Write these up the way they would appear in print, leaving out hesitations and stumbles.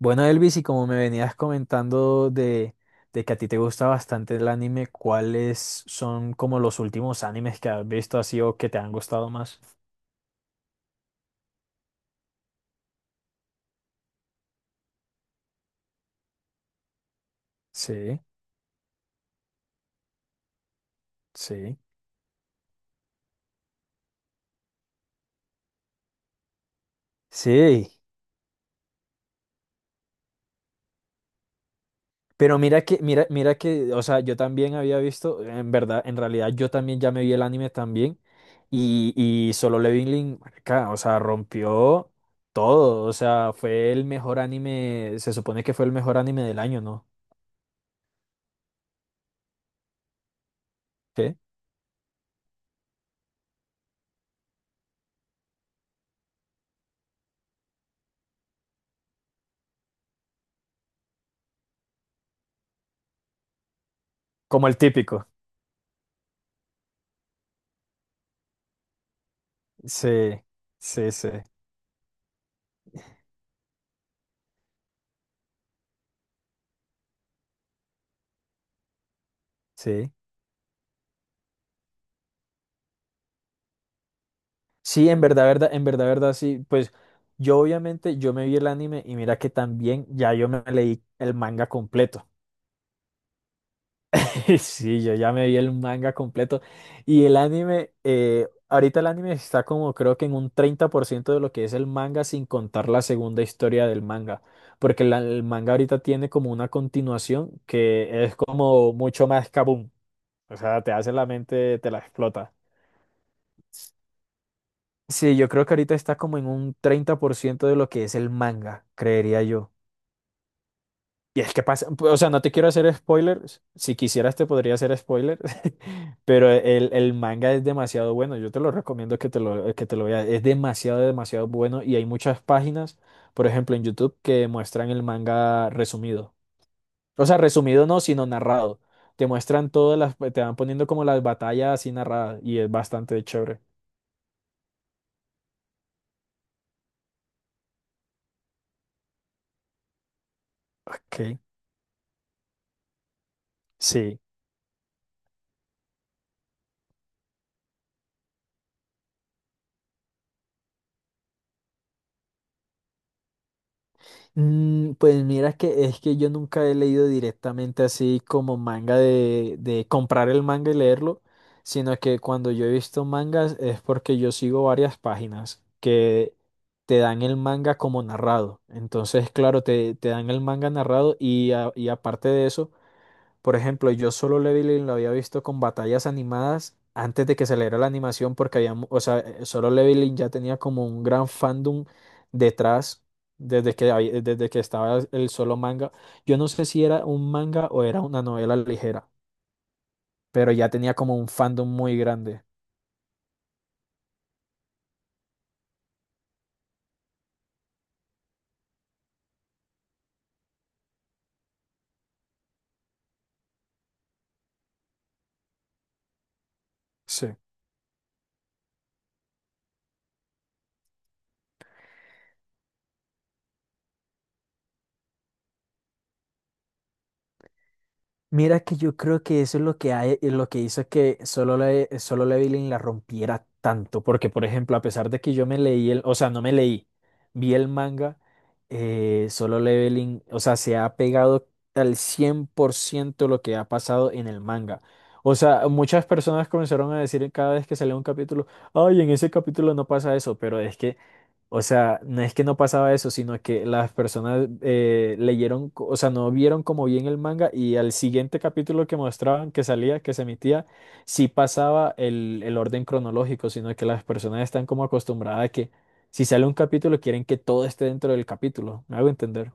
Bueno, Elvis, y como me venías comentando de que a ti te gusta bastante el anime, ¿cuáles son como los últimos animes que has visto así o que te han gustado más? Sí, sí. Sí, pero mira que, o sea, yo también había visto, en realidad yo también ya me vi el anime también y, y Solo Leveling, marica, o sea, rompió todo, o sea, fue el mejor anime, se supone que fue el mejor anime del año, ¿no? ¿Qué? Como el típico. Sí, sí, sí, sí. Sí, en verdad, sí. Pues yo obviamente, yo me vi el anime y mira que también ya yo me leí el manga completo. Sí, yo ya me vi el manga completo. Y el anime, ahorita el anime está como creo que en un 30% de lo que es el manga sin contar la segunda historia del manga. Porque el manga ahorita tiene como una continuación que es como mucho más kaboom. O sea, te hace la mente, te la explota. Sí, yo creo que ahorita está como en un 30% de lo que es el manga, creería yo. Y es que pasa, o sea, no te quiero hacer spoilers, si quisieras te podría hacer spoilers, pero el manga es demasiado bueno, yo te lo recomiendo que te lo veas, es demasiado, demasiado bueno y hay muchas páginas, por ejemplo, en YouTube que muestran el manga resumido. O sea, resumido no, sino narrado. Te muestran todas las, te van poniendo como las batallas así narradas y es bastante chévere. Ok. Sí. Mm, pues mira que es que yo nunca he leído directamente así como manga de comprar el manga y leerlo, sino que cuando yo he visto mangas es porque yo sigo varias páginas que te dan el manga como narrado. Entonces, claro, te dan el manga narrado y, y aparte de eso. Por ejemplo, yo Solo Leveling lo había visto con batallas animadas antes de que saliera la animación porque había, o sea, Solo Leveling ya tenía como un gran fandom detrás desde que, desde que estaba el solo manga. Yo no sé si era un manga o era una novela ligera, pero ya tenía como un fandom muy grande. Sí. Mira que yo creo que eso es lo que hay, es lo que hizo que Solo Leveling la rompiera tanto, porque por ejemplo, a pesar de que yo me leí el, o sea, no me leí, vi el manga, Solo Leveling, o sea, se ha pegado al 100% lo que ha pasado en el manga. O sea, muchas personas comenzaron a decir cada vez que salía un capítulo, ay, en ese capítulo no pasa eso, pero es que o sea, no es que no pasaba eso, sino que las personas leyeron, o sea, no vieron como bien el manga y al siguiente capítulo que mostraban, que salía, que se emitía, sí pasaba el orden cronológico, sino que las personas están como acostumbradas a que si sale un capítulo quieren que todo esté dentro del capítulo. ¿Me hago entender?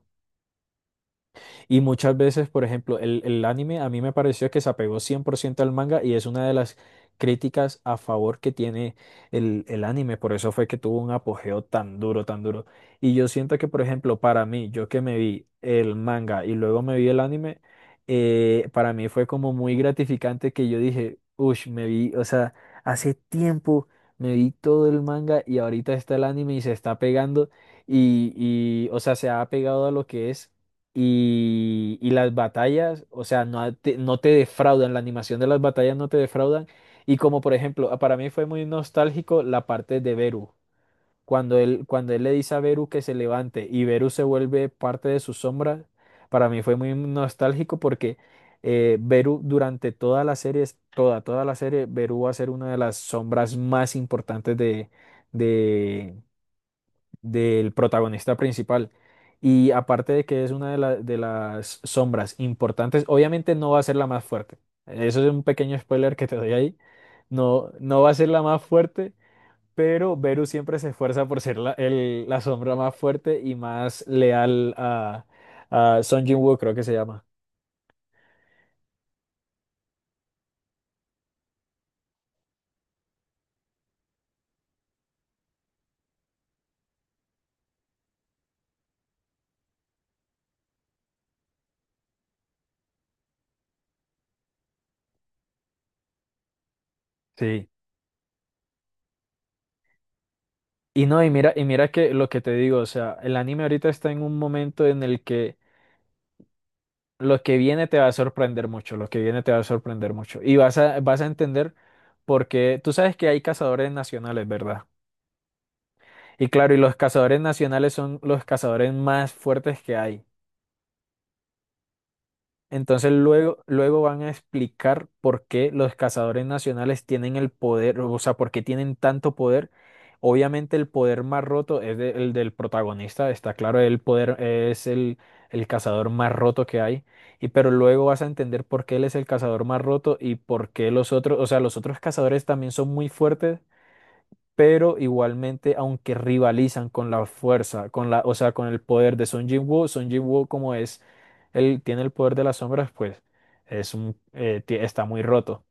Y muchas veces, por ejemplo, el anime a mí me pareció que se apegó 100% al manga y es una de las críticas a favor que tiene el anime. Por eso fue que tuvo un apogeo tan duro, tan duro. Y yo siento que, por ejemplo, para mí, yo que me vi el manga y luego me vi el anime, para mí fue como muy gratificante que yo dije, uff, me vi, o sea, hace tiempo me vi todo el manga y ahorita está el anime y se está pegando y, o sea, se ha pegado a lo que es y las batallas, o sea, no te defraudan, la animación de las batallas no te defraudan. Y como por ejemplo, ah, para mí fue muy nostálgico la parte de Beru. Cuando cuando él le dice a Beru que se levante y Beru se vuelve parte de su sombra, para mí fue muy nostálgico porque Beru durante toda la serie, toda, toda la serie, Beru va a ser una de las sombras más importantes de, del protagonista principal. Y aparte de que es una de, de las sombras importantes, obviamente no va a ser la más fuerte. Eso es un pequeño spoiler que te doy ahí. No, no va a ser la más fuerte, pero Beru siempre se esfuerza por ser la, la sombra más fuerte y más leal a Sung Jin-woo, creo que se llama. Sí. Y no, y mira que lo que te digo, o sea, el anime ahorita está en un momento en el que lo que viene te va a sorprender mucho, lo que viene te va a sorprender mucho. Y vas a, vas a entender porque tú sabes que hay cazadores nacionales, ¿verdad? Y claro, y los cazadores nacionales son los cazadores más fuertes que hay. Entonces luego van a explicar por qué los cazadores nacionales tienen el poder, o sea, por qué tienen tanto poder. Obviamente el poder más roto es el del protagonista, está claro, el poder es el cazador más roto que hay, y pero luego vas a entender por qué él es el cazador más roto y por qué los otros, o sea, los otros cazadores también son muy fuertes, pero igualmente, aunque rivalizan con la fuerza, con la, o sea, con el poder de Woo Jinwoo, Son Woo como es, él tiene el poder de las sombras, pues es un, está muy roto,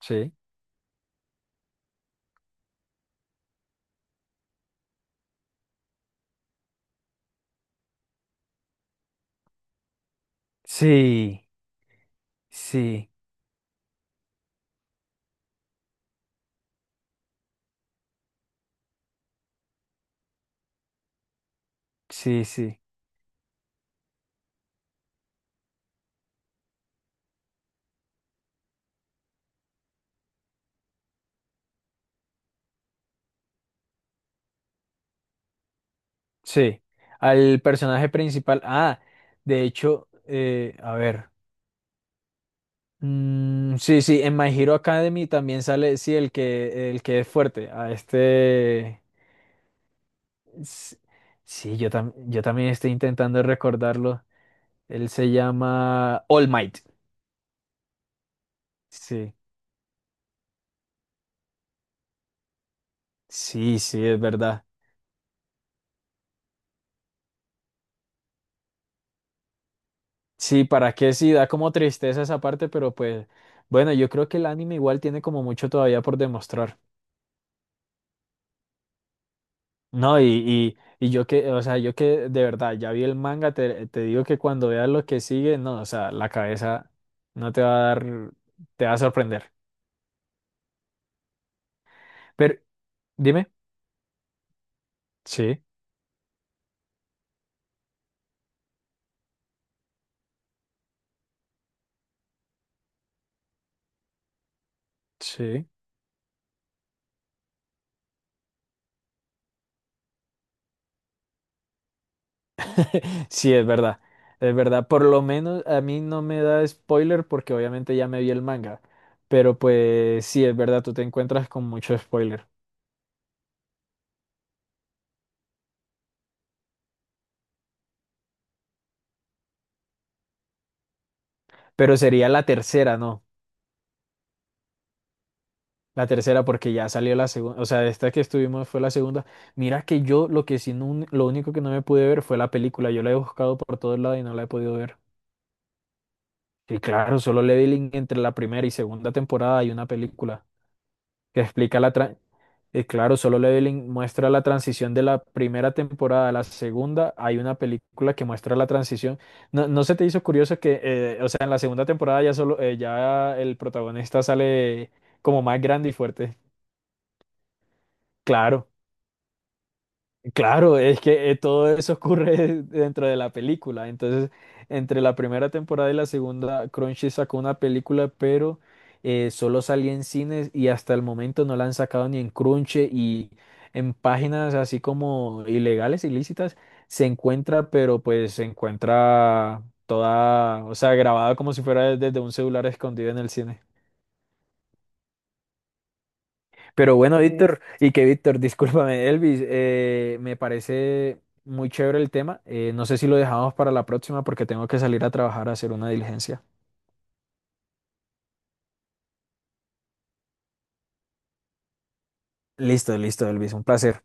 ¿sí? Sí, sí, sí. Sí, al personaje principal, ah, de hecho, a ver, mm, sí, sí, en My Hero Academy también sale, sí, el que es fuerte, a este... S- Sí, yo, yo también estoy intentando recordarlo. Él se llama All Might. Sí, sí, sí, es verdad. Sí, ¿para qué? Sí, da como tristeza esa parte, pero pues bueno, yo creo que el anime igual tiene como mucho todavía por demostrar. No, y yo que, o sea, yo que de verdad ya vi el manga, te digo que cuando veas lo que sigue, no, o sea, la cabeza no te va a dar, te va a sorprender. Pero dime, sí, sí. Sí, es verdad, es verdad. Por lo menos a mí no me da spoiler porque obviamente ya me vi el manga. Pero pues sí, es verdad, tú te encuentras con mucho spoiler. Pero sería la tercera, ¿no? La tercera porque ya salió la segunda, o sea, esta que estuvimos fue la segunda. Mira que yo lo que sí, lo único que no me pude ver fue la película. Yo la he buscado por todos lados y no la he podido ver. Y claro, Solo Leveling entre la primera y segunda temporada hay una película. Que explica la... claro, Solo Leveling muestra la transición de la primera temporada a la segunda. Hay una película que muestra la transición. ¿No, no se te hizo curioso que, o sea, en la segunda temporada ya solo, ya el protagonista sale como más grande y fuerte? Claro. Claro, es que todo eso ocurre dentro de la película. Entonces, entre la primera temporada y la segunda, Crunchy sacó una película, pero solo salía en cines y hasta el momento no la han sacado ni en Crunchy y en páginas así como ilegales, ilícitas, se encuentra, pero pues se encuentra toda, o sea, grabada como si fuera desde un celular escondido en el cine. Pero bueno, Víctor, y que Víctor, discúlpame, Elvis, me parece muy chévere el tema. No sé si lo dejamos para la próxima porque tengo que salir a trabajar a hacer una diligencia. Listo, listo, Elvis, un placer.